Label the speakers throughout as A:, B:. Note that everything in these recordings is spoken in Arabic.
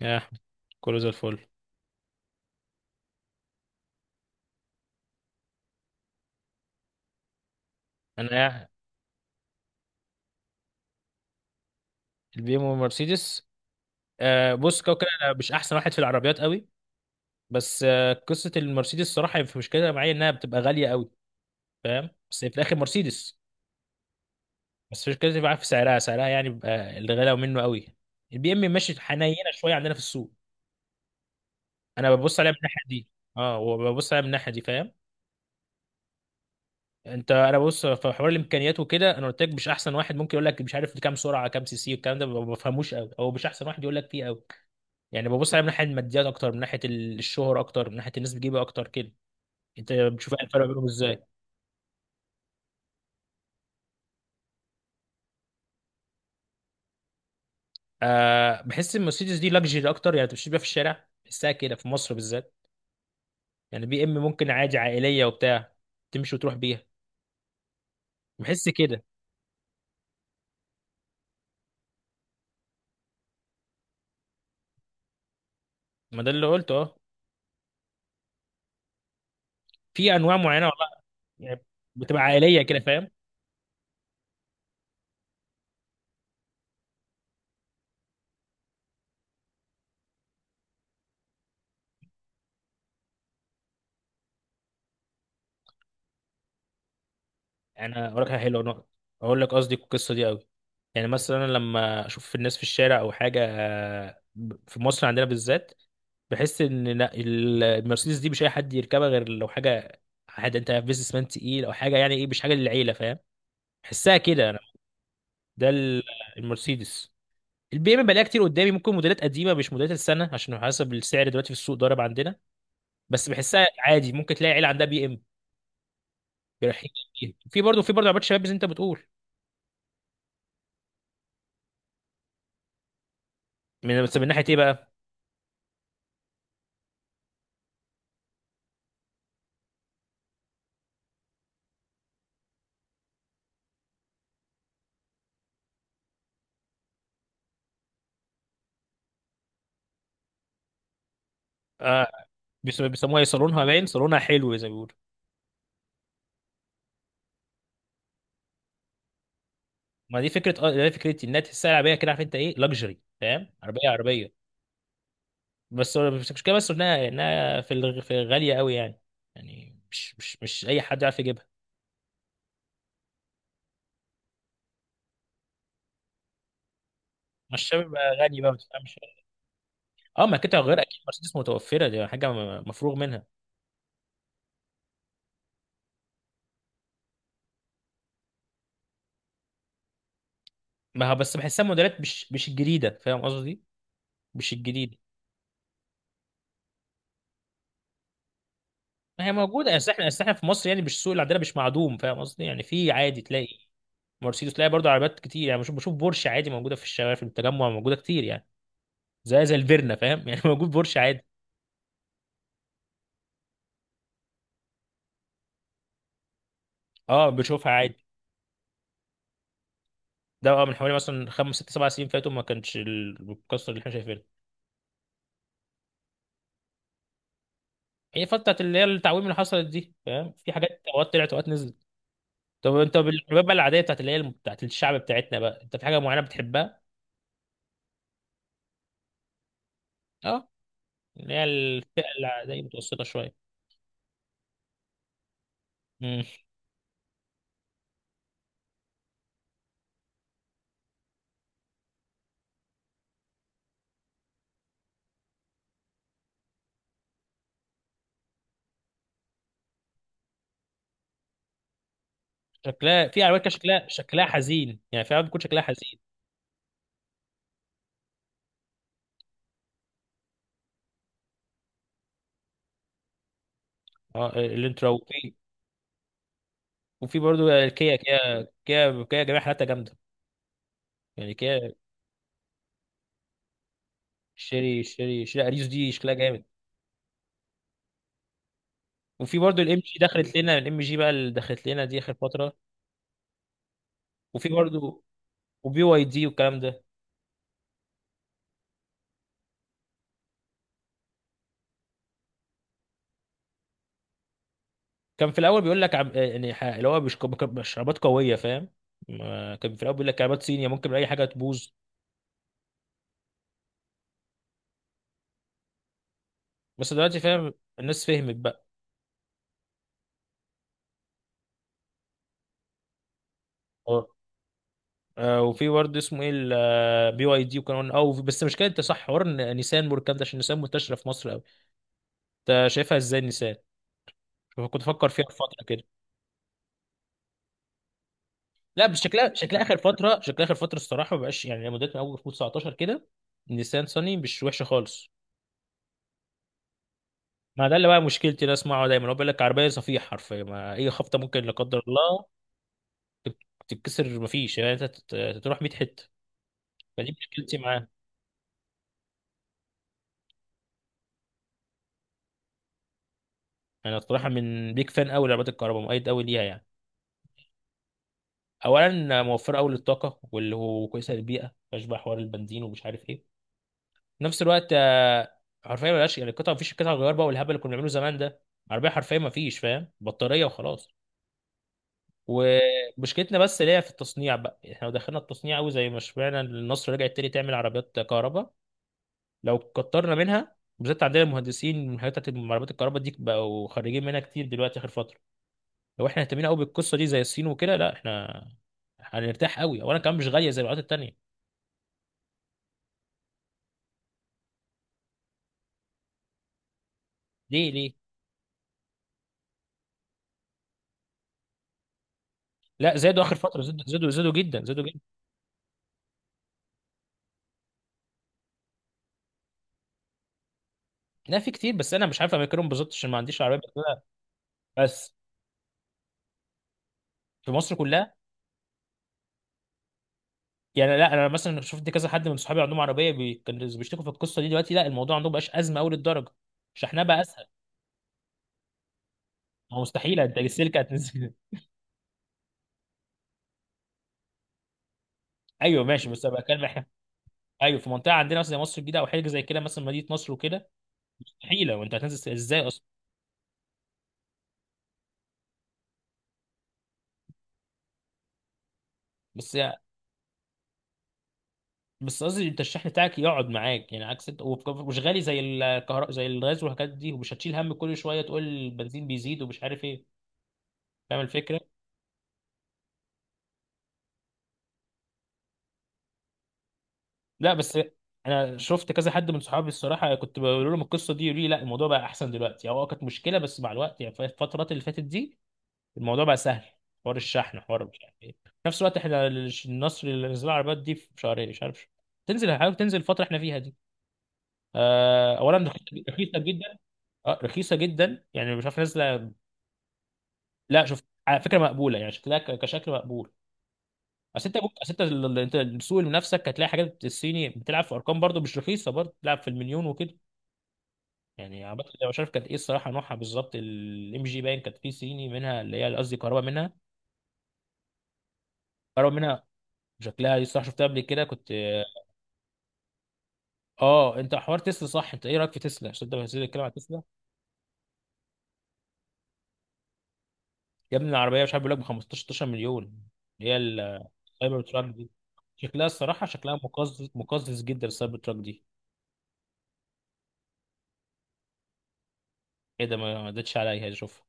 A: يا احمد. كله زي الفل. انا يا البي ام والمرسيدس. بص كده كده انا مش احسن واحد في العربيات قوي. بس قصه المرسيدس الصراحه في مشكله معايا انها بتبقى غاليه قوي. فاهم، بس هي في الاخر مرسيدس. بس مش كده معاك في سعرها، يعني بيبقى اللي غلاوه منه قوي. البي ام ماشي حنينه شويه عندنا في السوق. انا ببص عليها من الناحيه دي. اه، وببص عليها من الناحيه دي فاهم. انا ببص في حوار الامكانيات وكده. انا قلت لك مش احسن واحد، ممكن يقول لك مش عارف كام سرعه، كام سي سي، والكلام ده ما بفهموش قوي، او مش احسن واحد يقول لك فيه قوي. يعني ببص عليها من ناحيه الماديات اكتر من ناحيه الشهر، اكتر من ناحيه الناس بتجيبها اكتر كده. انت بتشوف إيه الفرق بينهم ازاي؟ بحس ان المرسيدس دي لاكجري اكتر. يعني تمشي بيها في الشارع بحسها كده في مصر بالذات. يعني بي ام ممكن عادي عائليه وبتاع، تمشي وتروح بيها، بحس كده. ما ده اللي قلته اه. في انواع معينه والله، يعني بتبقى عائليه كده فاهم. يعني انا اقول لك حلوه نقطه، اقول لك قصدي القصه دي قوي. يعني مثلا أنا لما اشوف الناس في الشارع او حاجه، في مصر عندنا بالذات بحس ان لا، المرسيدس دي مش اي حد يركبها غير لو حاجه، حد انت بيزنس مان تقيل او حاجه. يعني ايه؟ مش حاجه للعيله فاهم، بحسها كده انا. ده ال- المرسيدس. البي ام بلاقيها كتير قدامي، ممكن موديلات قديمه مش موديلات السنه، عشان حسب السعر دلوقتي في السوق ضارب عندنا. بس بحسها عادي، ممكن تلاقي عيله عندها بي ام بيرحبوا بيها، في برضه عربيات شباب زي انت بتقول. من ناحيه ايه بقى؟ آه، بيسموها ايه، صالونها باين، صالونها حلو زي ما بيقولوا. ما دي فكره، اه دي فكرتي انها تحسها عربيه كده، عارف انت ايه لاكجري، فاهم، عربيه بس المشكله بس انها في غاليه قوي يعني. يعني مش اي حد يعرف يجيبها. ما الشباب بقى غني بقى، ما تفهمش. اه، ما كده غير اكيد مرسيدس متوفره، دي حاجه مفروغ منها. ما هو بس بحسها موديلات مش الجديده، فاهم قصدي؟ مش الجديده. ما هي موجوده، اصل احنا في مصر يعني. مش السوق اللي عندنا مش معدوم، فاهم قصدي؟ يعني في، عادي تلاقي مرسيدس، تلاقي برضه عربيات كتير. يعني بشوف بورش عادي موجوده في الشوارع، في التجمع موجوده كتير يعني. زي الفيرنا فاهم يعني موجود بورش عادي. اه بشوفها عادي. ده بقى من حوالي مثلا خمس ست سبع سنين فاتوا، ما كانش القصه اللي احنا شايفينها. هي فتره بتاعت اللي هي التعويم اللي حصلت دي فاهم، في حاجات اوقات طلعت اوقات نزلت. طب انت بالحباب بقى، العاديه بتاعت اللي هي بتاعت الشعب بتاعتنا بقى، انت في حاجه معينه بتحبها؟ اه، اللي هي الفئه العاديه متوسطه شويه. امم شكلها، في عربيات كده شكلها، حزين. يعني في عربيات بتكون شكلها حزين. اه الانترا، وفي برضه كيا جميع حالاتها جامده. يعني كيا. شيري اريوس دي شكلها جامد. وفي برضو الام جي، دخلت لنا الام جي بقى اللي دخلت لنا دي اخر فتره. وفي برضو وبي واي دي والكلام ده. كان في الاول بيقول لك عم... آه، يعني اللي هو مش مشروبات قويه، فاهم؟ ما كان في الاول بيقول لك كعبات صينيه ممكن باي حاجه تبوظ. بس دلوقتي فاهم، الناس فهمت بقى. اه وفي برضه اسمه ايه، بي واي دي وكان او. بس مش كده، انت صح حوار إن نيسان والكلام ده، عشان نيسان منتشره في مصر قوي. انت شايفها ازاي نيسان؟ شوف، كنت بفكر فيها في فتره كده. لا بس شكلها، شكلها اخر فتره الصراحه ما بقاش، يعني موديلات من اول 2019 كده. نيسان صني مش وحشه خالص. ما ده اللي بقى مشكلتي، ده اسمعه دايما، هو بيقول لك عربيه صفيح حرفيا، ما اي خبطه ممكن لا قدر الله تتكسر، ما فيش يعني انت تروح 100 حته. فدي مشكلتي معاه. انا الصراحه من بيك فان قوي لعربيات الكهرباء، مؤيد قوي ليها يعني. اولا موفره قوي للطاقه، واللي هو كويسه للبيئه، مفيهاش بقى حوار البنزين ومش عارف ايه. في نفس الوقت، حرفيا ملهاش يعني القطع، مفيش قطع غيار بقى والهبل اللي كنا بنعمله زمان ده. عربيه حرفيا مفيش فاهم، بطاريه وخلاص. ومشكلتنا بس اللي هي في التصنيع بقى. احنا لو دخلنا التصنيع قوي، زي ما سمعنا إن النصر رجعت تاني تعمل عربيات كهرباء، لو كترنا منها، بالذات عندنا المهندسين من حاجات بتاعت عربيات الكهرباء دي بقوا خريجين منها كتير دلوقتي اخر فتره. لو احنا اهتمينا قوي بالقصه دي زي الصين وكده، لا احنا هنرتاح قوي، وانا كمان مش غاليه زي العربيات التانيه. ليه ليه؟ لا زادوا اخر فتره، زادوا زادوا جدا، لا في كتير، بس انا مش عارف اماكنهم بالظبط عشان ما عنديش عربيه. بس في مصر كلها يعني. لا انا مثلا شفت كذا حد من صحابي عندهم عربيه كانوا بيشتكوا في القصه دي. دلوقتي لا، الموضوع عندهم بقاش ازمه قوي للدرجه، شحنها بقى اسهل. ما هو مستحيل انت السلك هتنزل. ايوه ماشي، بس ابقى اكلم احنا. ايوه في منطقه عندنا مثلا زي مصر الجديده، او حاجه زي كده مثلا مدينه نصر وكده، مستحيله. وانت هتنزل ازاي اصلا؟ بس يع- بس قصدي انت الشحن بتاعك يقعد معاك، يعني عكس ومش غالي زي الكهرباء، زي الغاز والحاجات دي، ومش هتشيل هم كل شويه تقول البنزين بيزيد ومش عارف ايه. فاهم الفكره؟ لا بس انا شفت كذا حد من صحابي الصراحه، كنت بقول لهم القصه دي يقولوا لي لا الموضوع بقى احسن دلوقتي، هو كانت مشكله بس مع الوقت يعني في الفترات اللي فاتت دي الموضوع بقى سهل. حوار الشحن، حوار مش عارف ايه. في نفس الوقت احنا النصر اللي نزل العربيات دي في شهرين مش عارف، تنزل، حاول تنزل الفتره احنا فيها دي. آه، اولا رخيصه، رخيصة جدا اه رخيصه جدا يعني، مش عارف نازله. لا شوف، على فكره مقبوله، يعني شكلها كشكل مقبول. اصل انت انت السوق لنفسك هتلاقي حاجات الصيني بتلعب في ارقام، برضو مش رخيصه، برضو بتلعب في المليون وكده. يعني عامة انا مش عارف كانت ايه الصراحه نوعها بالظبط. الام جي باين، كانت في صيني منها اللي هي قصدي كهرباء منها، كهرباء منها شكلها دي الصراحه شفتها قبل كده كنت. اه، انت حوار تسلا صح، انت ايه رايك في تسلا عشان انت بتنزل تتكلم عن تسلا؟ يا ابني العربيه مش عارف، بيقول لك ب 15 16 مليون، اللي هي السايبر تراك دي. شكلها الصراحه، شكلها مقزز، مقزز جدا السايبر تراك دي. ايه ده، ما عدتش عليا اشوفها.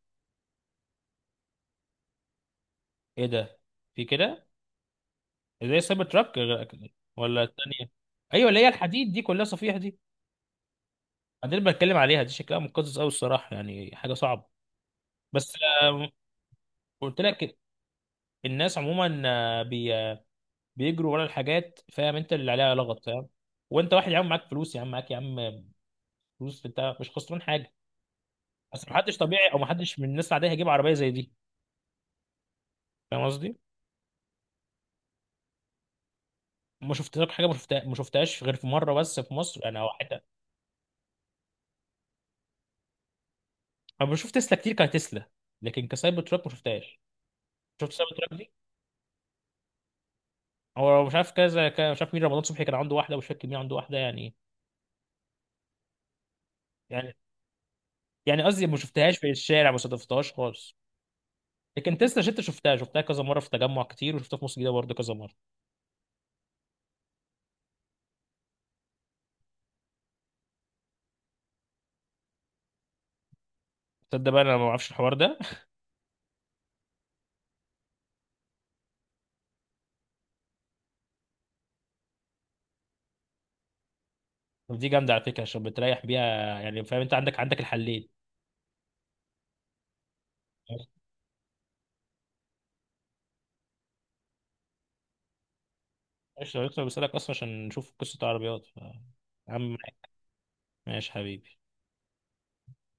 A: ايه ده، في كده زي السايبر تراك ولا الثانيه؟ ايوه اللي هي الحديد دي كلها صفيح دي. دي اللي بتكلم عليها دي، شكلها مقزز قوي الصراحه، يعني حاجه صعبه. بس آه، قلت لك الناس عموما، آه، بي آه، بيجروا ورا الحاجات فاهم، انت اللي عليها لغط فاهم. وانت واحد يا عم معاك فلوس، يا عم معاك يا عم فلوس، انت مش خسران حاجه. بس محدش طبيعي، او محدش من الناس العاديه هيجيب عربيه زي دي، فاهم قصدي. ما شفت لك حاجه، ما شفتها، ما شفتهاش غير في مره بس في مصر انا، او حتى. انا بشوف تسلا كتير كتسلا، لكن كسايبر تراك ما شفتهاش. شفت سايبر تراك دي؟ هو مش عارف، كذا مش عارف مين، رمضان صبحي كان عنده واحده ومش فاكر مين عنده واحده يعني. يعني يعني قصدي ما شفتهاش في الشارع، ما صادفتهاش خالص. لكن تسلا شفتها، كذا مره في تجمع كتير، وشفتها في مصر الجديده برضه كذا مره. تصدق بقى انا ما اعرفش الحوار ده. طب دي جامده على فكره، عشان بتريح بيها، يعني فاهم انت عندك، الحلين. ماشي، أنا لسه بسالك اصلا عشان نشوف قصه عربيات يا عم. ماشي حبيبي.